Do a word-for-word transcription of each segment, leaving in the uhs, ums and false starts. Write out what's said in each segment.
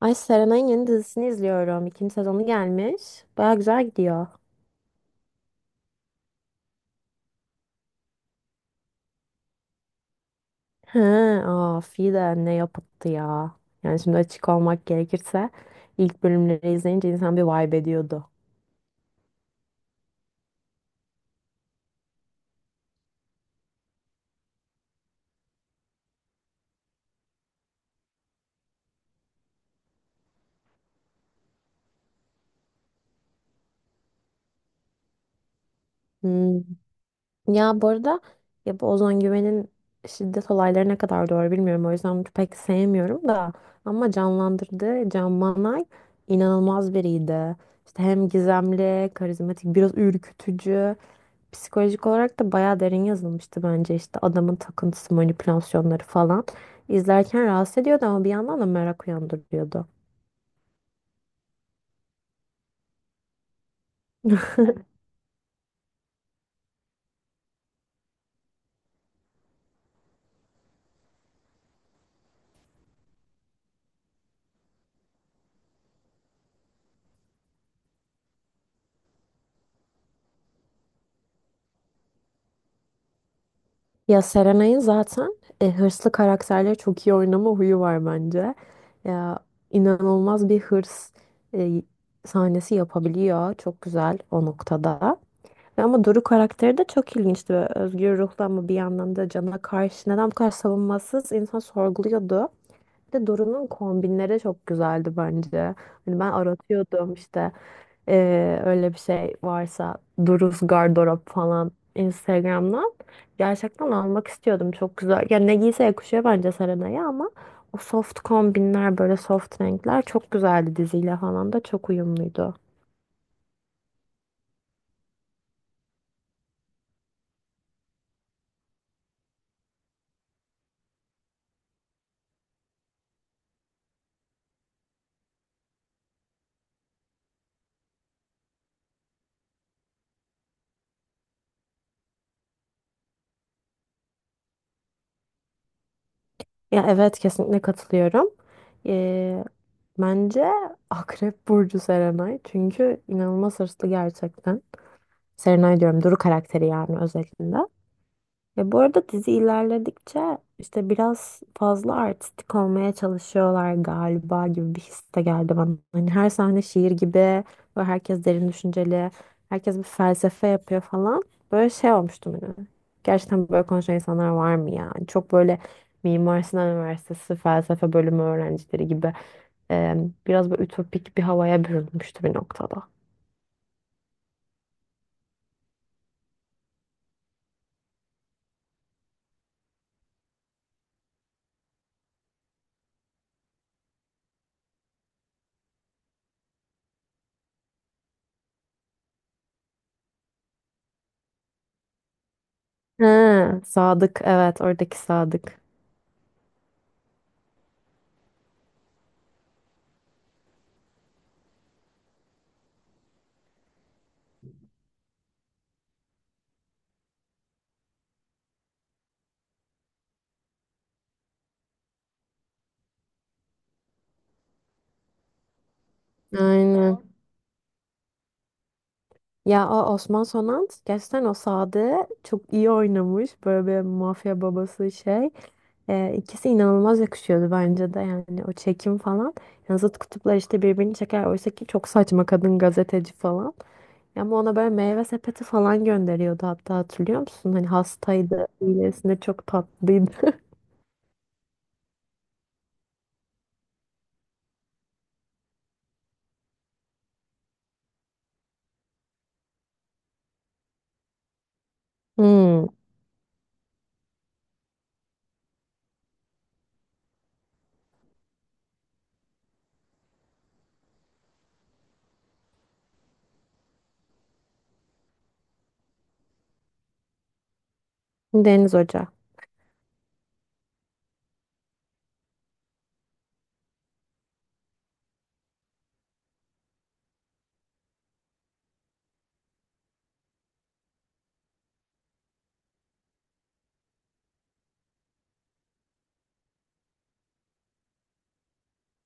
Ay Serenay'ın yeni dizisini izliyorum. İkinci sezonu gelmiş. Baya güzel gidiyor. He, aa, de ne yapıttı ya. Yani şimdi açık olmak gerekirse ilk bölümleri izleyince insan bir vibe ediyordu. Hmm. Ya bu arada ya bu Ozan Güven'in şiddet olayları ne kadar doğru bilmiyorum. O yüzden pek sevmiyorum da. Ama canlandırdığı Can Manay inanılmaz biriydi. İşte hem gizemli, karizmatik, biraz ürkütücü. Psikolojik olarak da bayağı derin yazılmıştı bence, işte adamın takıntısı, manipülasyonları falan. İzlerken rahatsız ediyordu ama bir yandan da merak uyandırıyordu. Ya Serenay'ın zaten e, hırslı karakterleri çok iyi oynama huyu var bence. Ya inanılmaz bir hırs e, sahnesi yapabiliyor. Çok güzel o noktada. Ve ama Doru karakteri de çok ilginçti. Böyle özgür ruhlu ama bir yandan da cana karşı neden bu kadar savunmasız insan sorguluyordu. Bir de Duru'nun kombinleri çok güzeldi bence. Hani ben aratıyordum işte, eee, öyle bir şey varsa Duru's gardırop falan Instagram'dan. Gerçekten almak istiyordum. Çok güzel. Yani ne giyse yakışıyor bence Serena'ya ama o soft kombinler, böyle soft renkler çok güzeldi, diziyle falan da çok uyumluydu. Ya evet, kesinlikle katılıyorum. Eee, Bence Akrep Burcu Serenay, çünkü inanılmaz hırslı gerçekten. Serenay diyorum, Duru karakteri yani, özelinde. Ya bu arada dizi ilerledikçe işte biraz fazla artistik olmaya çalışıyorlar galiba gibi bir his de geldi bana. Hani her sahne şiir gibi ve herkes derin düşünceli, herkes bir felsefe yapıyor falan. Böyle şey olmuştum hani. Gerçekten böyle konuşan insanlar var mı ya? Hani, çok böyle Mimar Sinan Üniversitesi felsefe bölümü öğrencileri gibi, e, biraz böyle ütopik bir havaya bürünmüştü bir noktada. Ha, Sadık, evet, oradaki Sadık. Aynen. Ya o Osman Sonant gerçekten o Sadık'ı çok iyi oynamış. Böyle bir mafya babası şey. Ee, ikisi inanılmaz yakışıyordu bence de, yani o çekim falan. Yani zıt kutuplar işte birbirini çeker. Oysa ki çok saçma, kadın gazeteci falan. Ama ona böyle meyve sepeti falan gönderiyordu, hatta, hatırlıyor musun? Hani hastaydı. İyilesinde çok tatlıydı. Hmm, Deniz Hoca.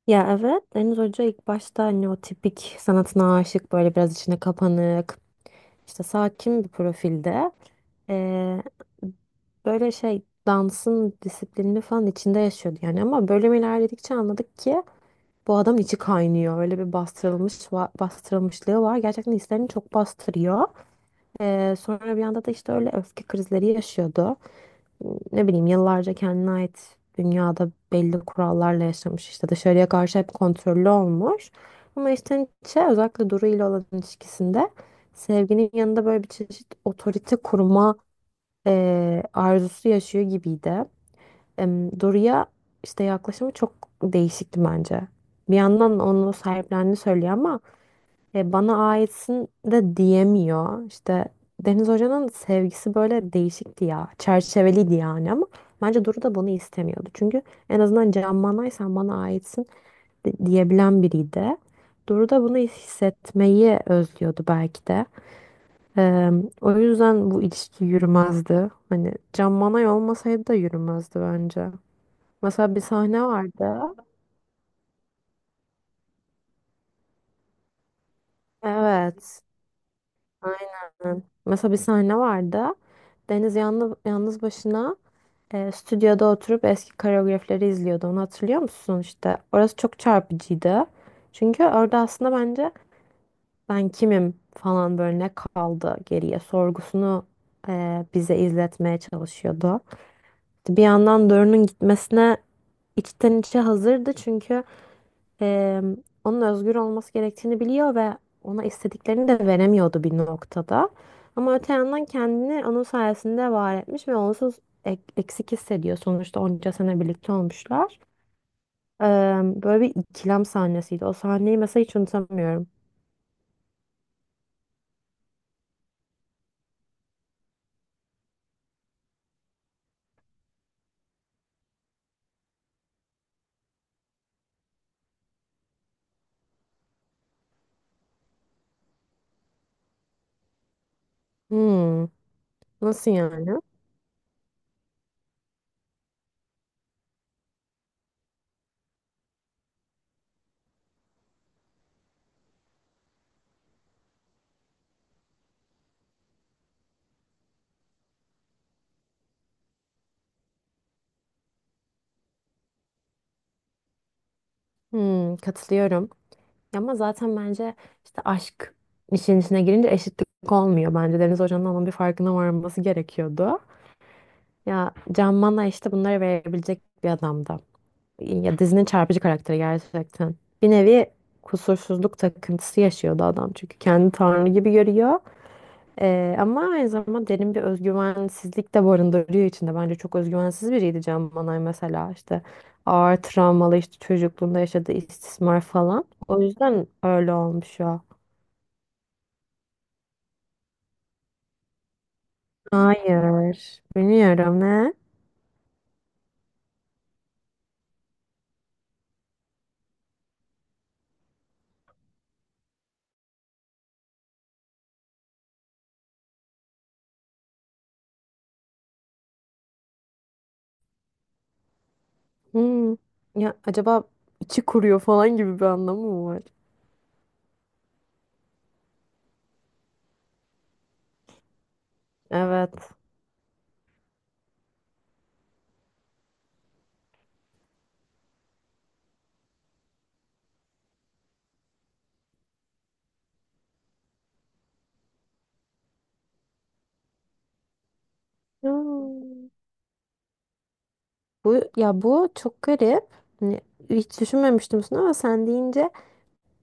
Ya evet, Deniz Hoca ilk başta hani o tipik sanatına aşık, böyle biraz içine kapanık, işte sakin bir profilde. Ee, Böyle şey, dansın disiplinini falan içinde yaşıyordu yani, ama bölüm ilerledikçe anladık ki bu adam içi kaynıyor, öyle bir bastırılmış va- bastırılmışlığı var, gerçekten hislerini çok bastırıyor. Ee, sonra bir anda da işte öyle öfke krizleri yaşıyordu. Ne bileyim, yıllarca kendine ait dünyada belli kurallarla yaşamış, işte dışarıya karşı hep kontrollü olmuş. Ama işte Nietzsche, özellikle Duru ile olan ilişkisinde sevginin yanında böyle bir çeşit otorite kurma eee, arzusu yaşıyor gibiydi. Em, Duru'ya işte yaklaşımı çok değişikti bence. Bir yandan onu sahiplendiğini söylüyor ama e, bana aitsin de diyemiyor. İşte Deniz Hoca'nın sevgisi böyle değişikti ya. Çerçeveliydi yani, ama bence Duru da bunu istemiyordu. Çünkü en azından Can Manay sen bana aitsin de- diyebilen biriydi. Duru da bunu hissetmeyi özlüyordu belki de. E, O yüzden bu ilişki yürümezdi. Hani Can Manay olmasaydı da yürümezdi bence. Mesela bir sahne vardı. Evet. Aynen. Mesela bir sahne vardı. Deniz yalnız, yalnız başına e, stüdyoda oturup eski koreografileri izliyordu. Onu hatırlıyor musun işte? Orası çok çarpıcıydı. Çünkü orada aslında bence ben kimim falan, böyle ne kaldı geriye sorgusunu e, bize izletmeye çalışıyordu. Bir yandan Dorun'un gitmesine içten içe hazırdı, çünkü e, onun özgür olması gerektiğini biliyor ve ona istediklerini de veremiyordu bir noktada. Ama öte yandan kendini onun sayesinde var etmiş ve onsuz ek- eksik hissediyor. Sonuçta onca sene birlikte olmuşlar. E, Böyle bir ikilem sahnesiydi. O sahneyi mesela hiç unutamıyorum. Hmm, nasıl yani? Hmm, katılıyorum. Ama zaten bence işte aşk işin içine girince eşitlik olmuyor. Bence Deniz Hoca'nın onun bir farkına varması gerekiyordu. Ya Can Mana işte bunları verebilecek bir adamdı. Ya dizinin çarpıcı karakteri gerçekten. Bir nevi kusursuzluk takıntısı yaşıyordu adam. Çünkü kendi tanrı gibi görüyor. Ee, ama aynı zamanda derin bir özgüvensizlik de barındırıyor içinde. Bence çok özgüvensiz biriydi Can Manay mesela. İşte ağır travmalı, işte çocukluğunda yaşadığı istismar falan. O yüzden öyle olmuş o. Hayır. Bilmiyorum, ne? Hmm. Ya acaba içi kuruyor falan gibi bir anlamı mı var? Evet. Hmm. Bu, ya, bu çok garip. Hani hiç düşünmemiştim bunu ama sen deyince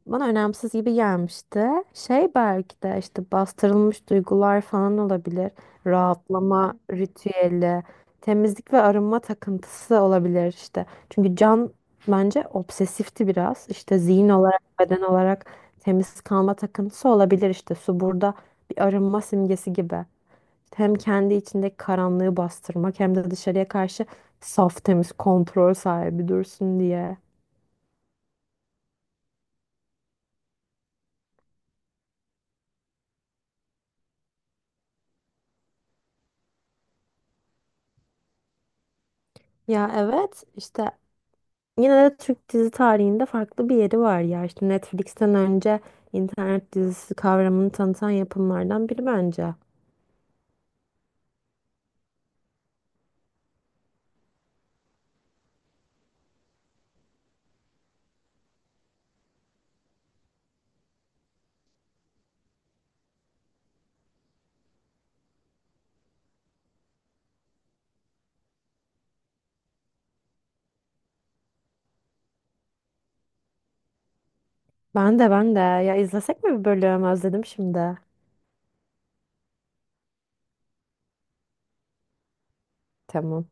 bana önemsiz gibi gelmişti. Şey belki de işte bastırılmış duygular falan olabilir. Rahatlama ritüeli, temizlik ve arınma takıntısı olabilir işte. Çünkü Can bence obsesifti biraz. İşte zihin olarak, beden olarak temiz kalma takıntısı olabilir işte. Su burada bir arınma simgesi gibi. Hem kendi içindeki karanlığı bastırmak, hem de dışarıya karşı saf, temiz, kontrol sahibi dursun diye. Ya evet, işte yine de Türk dizi tarihinde farklı bir yeri var ya, işte Netflix'ten önce internet dizisi kavramını tanıtan yapımlardan biri bence. Ben de, ben de, ya izlesek mi bir bölüm, özledim şimdi. Tamam.